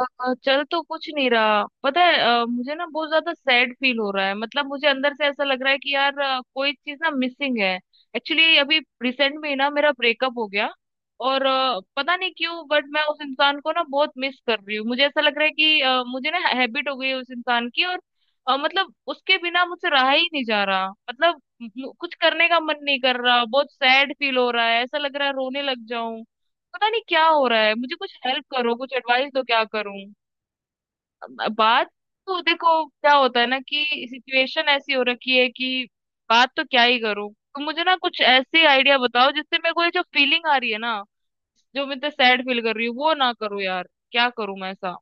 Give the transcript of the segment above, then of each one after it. चल तो कुछ नहीं रहा, पता है। मुझे ना बहुत ज्यादा सैड फील हो रहा है। मतलब मुझे अंदर से ऐसा लग रहा है कि यार कोई चीज ना मिसिंग है। एक्चुअली अभी रिसेंट में ही ना मेरा ब्रेकअप हो गया। और पता नहीं क्यों, बट मैं उस इंसान को ना बहुत मिस कर रही हूँ। मुझे ऐसा लग रहा है कि मुझे ना हैबिट हो गई है उस इंसान की। और मतलब उसके बिना मुझसे रहा ही नहीं जा रहा। मतलब कुछ करने का मन नहीं कर रहा। बहुत सैड फील हो रहा है, ऐसा लग रहा है रोने लग जाऊं। पता नहीं क्या हो रहा है मुझे। कुछ हेल्प करो, कुछ एडवाइस दो, क्या करूं। बात? तो देखो क्या होता है ना कि सिचुएशन ऐसी हो रखी है कि बात तो क्या ही करूं। तो मुझे ना कुछ ऐसे आइडिया बताओ जिससे मेरे को ये जो फीलिंग आ रही है ना, जो मैं इतना सैड फील कर रही हूँ वो ना करूँ। यार क्या करूं मैं ऐसा।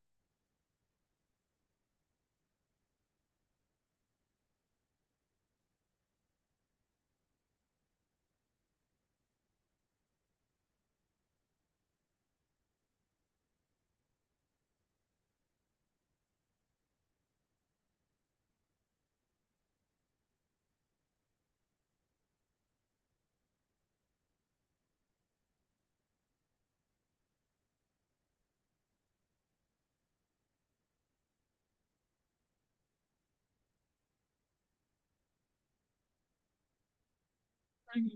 हम्म,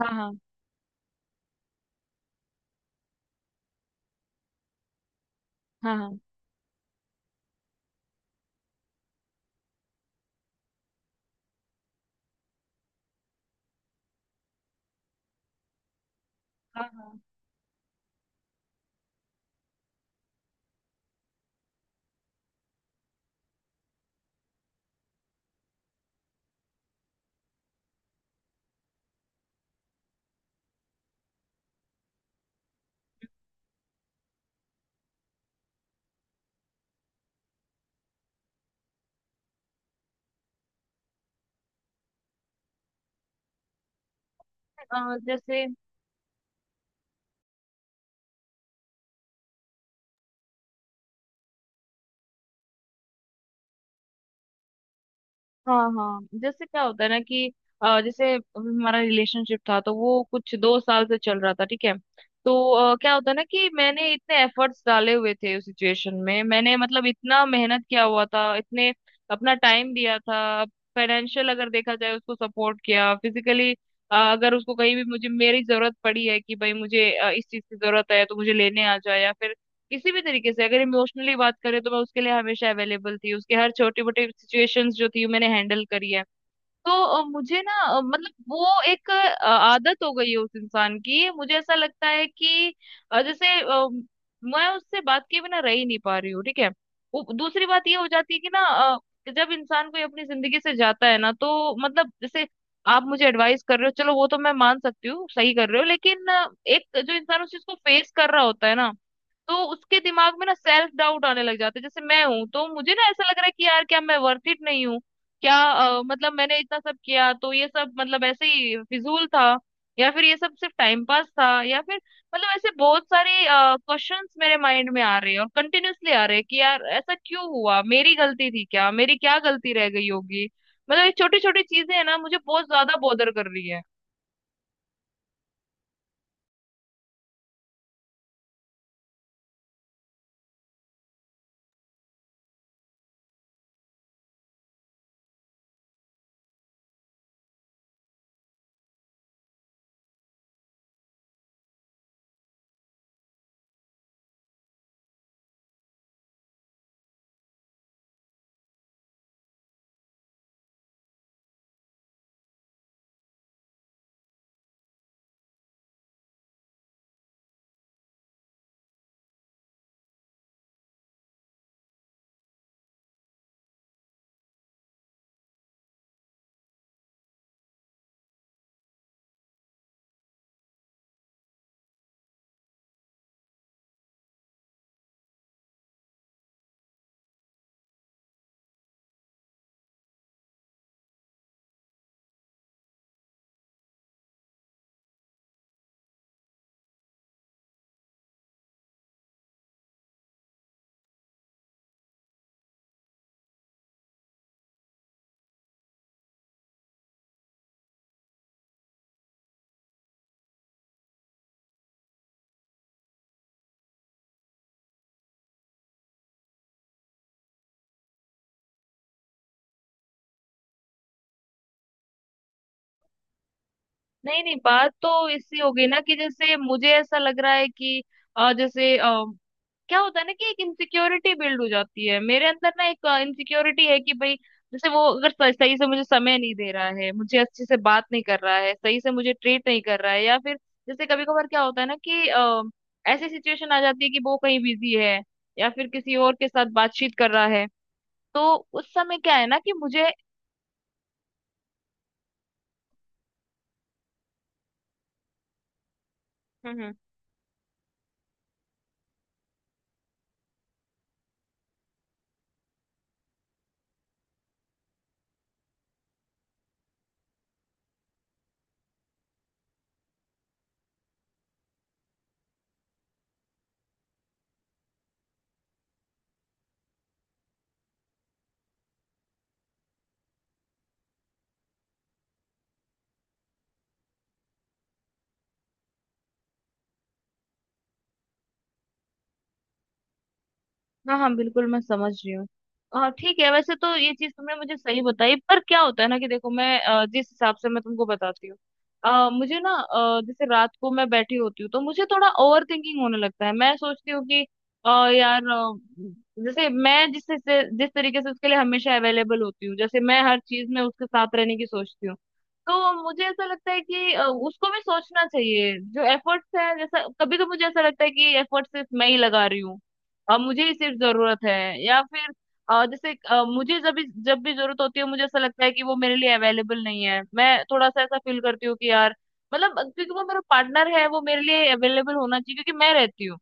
हाँ हाँ हाँ हाँ हाँ हाँ। जैसे हाँ हाँ जैसे क्या होता है ना कि जैसे हमारा रिलेशनशिप था तो वो कुछ 2 साल से चल रहा था, ठीक है। तो क्या होता है ना कि मैंने इतने एफर्ट्स डाले हुए थे उस सिचुएशन में, मैंने मतलब इतना मेहनत किया हुआ था, इतने अपना टाइम दिया था। फाइनेंशियल अगर देखा जाए उसको सपोर्ट किया, फिजिकली अगर उसको कहीं भी, मुझे मेरी जरूरत पड़ी है कि भाई मुझे इस चीज की जरूरत है तो मुझे लेने आ जाए, या फिर किसी भी तरीके से, अगर इमोशनली बात करें तो मैं उसके लिए हमेशा अवेलेबल थी। उसके हर छोटी मोटी सिचुएशंस जो थी मैंने हैंडल करी है। तो मुझे ना मतलब वो एक आदत हो गई है उस इंसान की। मुझे ऐसा लगता है कि जैसे मैं उससे बात किए बिना रह ही नहीं पा रही हूँ, ठीक है। वो दूसरी बात ये हो जाती है कि ना जब इंसान कोई अपनी जिंदगी से जाता है ना तो मतलब जैसे आप मुझे एडवाइस कर रहे हो, चलो वो तो मैं मान सकती हूँ, सही कर रहे हो, लेकिन एक जो इंसान उस चीज को फेस कर रहा होता है ना तो उसके दिमाग में ना सेल्फ डाउट आने लग जाता है। जैसे मैं हूं तो मुझे ना ऐसा लग रहा है कि यार क्या मैं वर्थ इट नहीं हूँ? क्या मतलब मैंने इतना सब किया तो ये सब मतलब ऐसे ही फिजूल था? या फिर ये सब सिर्फ टाइम पास था? या फिर मतलब ऐसे बहुत सारे क्वेश्चंस मेरे माइंड में आ रहे हैं, और कंटिन्यूअसली आ रहे हैं कि यार ऐसा क्यों हुआ, मेरी गलती थी क्या, मेरी क्या गलती रह गई होगी। मतलब ये छोटी छोटी चीजें हैं ना मुझे बहुत ज्यादा बॉदर कर रही है। नहीं नहीं, बात तो इससे हो गई ना कि जैसे मुझे ऐसा लग रहा है कि जैसे क्या होता है ना कि एक इनसिक्योरिटी बिल्ड हो जाती है मेरे अंदर ना, एक इनसिक्योरिटी है कि भाई जैसे वो अगर सही से मुझे समय नहीं दे रहा है, मुझे अच्छे से बात नहीं कर रहा है, सही से मुझे ट्रीट नहीं कर रहा है, या फिर जैसे कभी कभार क्या होता है ना कि ऐसी सिचुएशन आ जाती है कि वो कहीं बिजी है या फिर किसी और के साथ बातचीत कर रहा है, तो उस समय क्या है ना कि मुझे हम्म। हाँ हाँ, बिल्कुल मैं समझ रही हूँ। हाँ ठीक है, वैसे तो ये चीज तुमने मुझे सही बताई, पर क्या होता है ना कि देखो मैं जिस हिसाब से मैं तुमको बताती हूँ मुझे ना जैसे रात को मैं बैठी होती हूँ तो मुझे थोड़ा ओवर थिंकिंग होने लगता है। मैं सोचती हूँ कि अ, यार जैसे मैं जिस से जिस तरीके से उसके लिए हमेशा अवेलेबल होती हूँ, जैसे मैं हर चीज में उसके साथ रहने की सोचती हूँ, तो मुझे ऐसा लगता है कि उसको भी सोचना चाहिए जो एफर्ट्स है। जैसा कभी तो मुझे ऐसा लगता है कि एफर्ट्स सिर्फ मैं ही लगा रही हूँ, अब मुझे ही सिर्फ जरूरत है। या फिर जैसे मुझे जब भी जरूरत होती है मुझे ऐसा लगता है कि वो मेरे लिए अवेलेबल नहीं है। मैं थोड़ा सा ऐसा फील करती हूँ कि यार मतलब क्योंकि वो मेरा पार्टनर है, वो मेरे लिए अवेलेबल होना चाहिए, क्योंकि मैं रहती हूँ।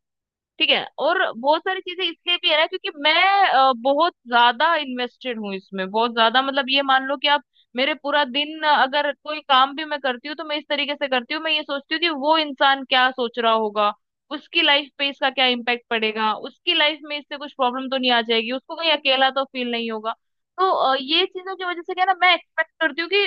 ठीक है, और बहुत सारी चीजें इसलिए भी है ना, क्योंकि मैं बहुत ज्यादा इन्वेस्टेड हूँ इसमें, बहुत ज्यादा। मतलब ये मान लो कि आप मेरे पूरा दिन अगर कोई काम भी मैं करती हूँ तो मैं इस तरीके से करती हूँ, मैं ये सोचती हूँ कि वो इंसान क्या सोच रहा होगा, उसकी लाइफ पे इसका क्या इम्पैक्ट पड़ेगा, उसकी लाइफ में इससे कुछ प्रॉब्लम तो नहीं आ जाएगी, उसको कहीं अकेला तो फील नहीं होगा। तो ये चीजों की वजह से क्या है ना, मैं एक्सपेक्ट करती हूँ कि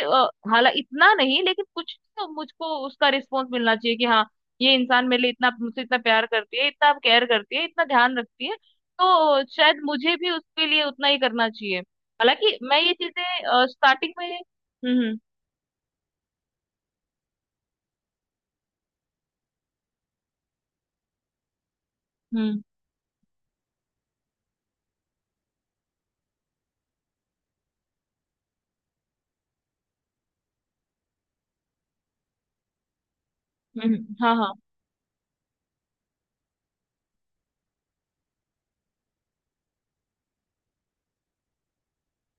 हालांकि इतना नहीं, लेकिन कुछ तो मुझको उसका रिस्पॉन्स मिलना चाहिए कि हाँ ये इंसान मेरे लिए इतना, मुझसे इतना प्यार करती है, इतना केयर करती है, इतना ध्यान रखती है, तो शायद मुझे भी उसके लिए उतना ही करना चाहिए। हालांकि मैं ये चीजें स्टार्टिंग में हम्म हाँ हाँ।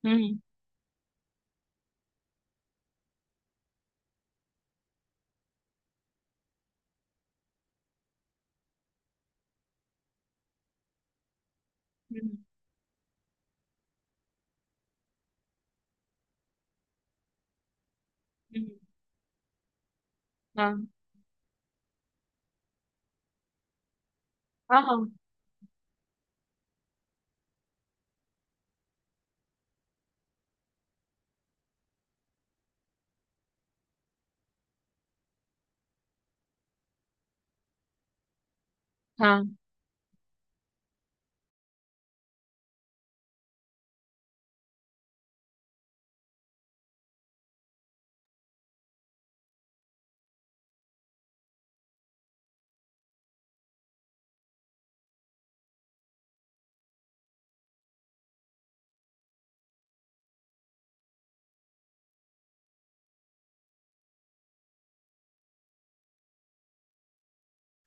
हम्म हम्म हम्म, हाँ हाँ हाँ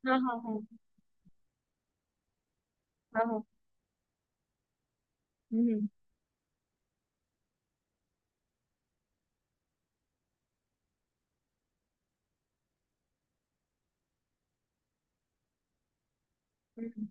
हाँ हाँ हाँ हाँ हाँ, हम्म हम्म हम्म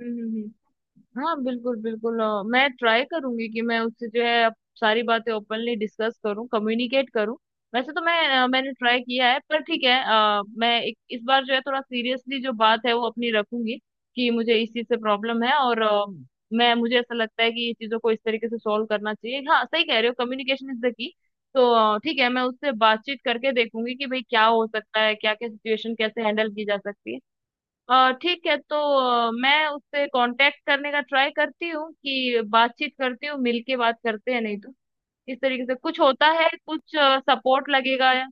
हम्म हम्म, हम्म, हाँ बिल्कुल बिल्कुल मैं ट्राई करूंगी कि मैं उससे जो है अब सारी बातें ओपनली डिस्कस करूं, कम्युनिकेट करूं। वैसे तो मैं मैंने ट्राई किया है, पर ठीक है मैं एक, इस बार जो है थोड़ा सीरियसली जो बात है वो अपनी रखूंगी कि मुझे इस चीज से प्रॉब्लम है। और मैं मुझे ऐसा लगता है कि ये चीजों को इस तरीके से सॉल्व करना चाहिए। हाँ सही कह रहे हो, कम्युनिकेशन इज द की। तो ठीक है, मैं उससे बातचीत करके देखूंगी कि भाई क्या हो सकता है, क्या क्या सिचुएशन कैसे हैंडल की जा सकती है। ठीक है, तो मैं उससे कांटेक्ट करने का ट्राई करती हूँ कि बातचीत करती हूँ, मिलके बात करते हैं, नहीं तो इस तरीके से कुछ होता है, कुछ सपोर्ट लगेगा या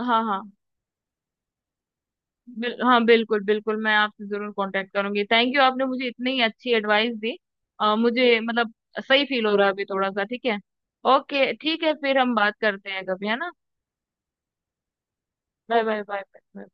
हाँ हाँ हाँ बिल्कुल बिल्कुल, मैं आपसे जरूर कांटेक्ट करूंगी। थैंक यू, आपने मुझे इतनी अच्छी एडवाइस दी। मुझे मतलब सही फील हो रहा है अभी थोड़ा सा। ठीक है, ओके ठीक है, फिर हम बात करते हैं कभी, है ना। Bye bye bye bye.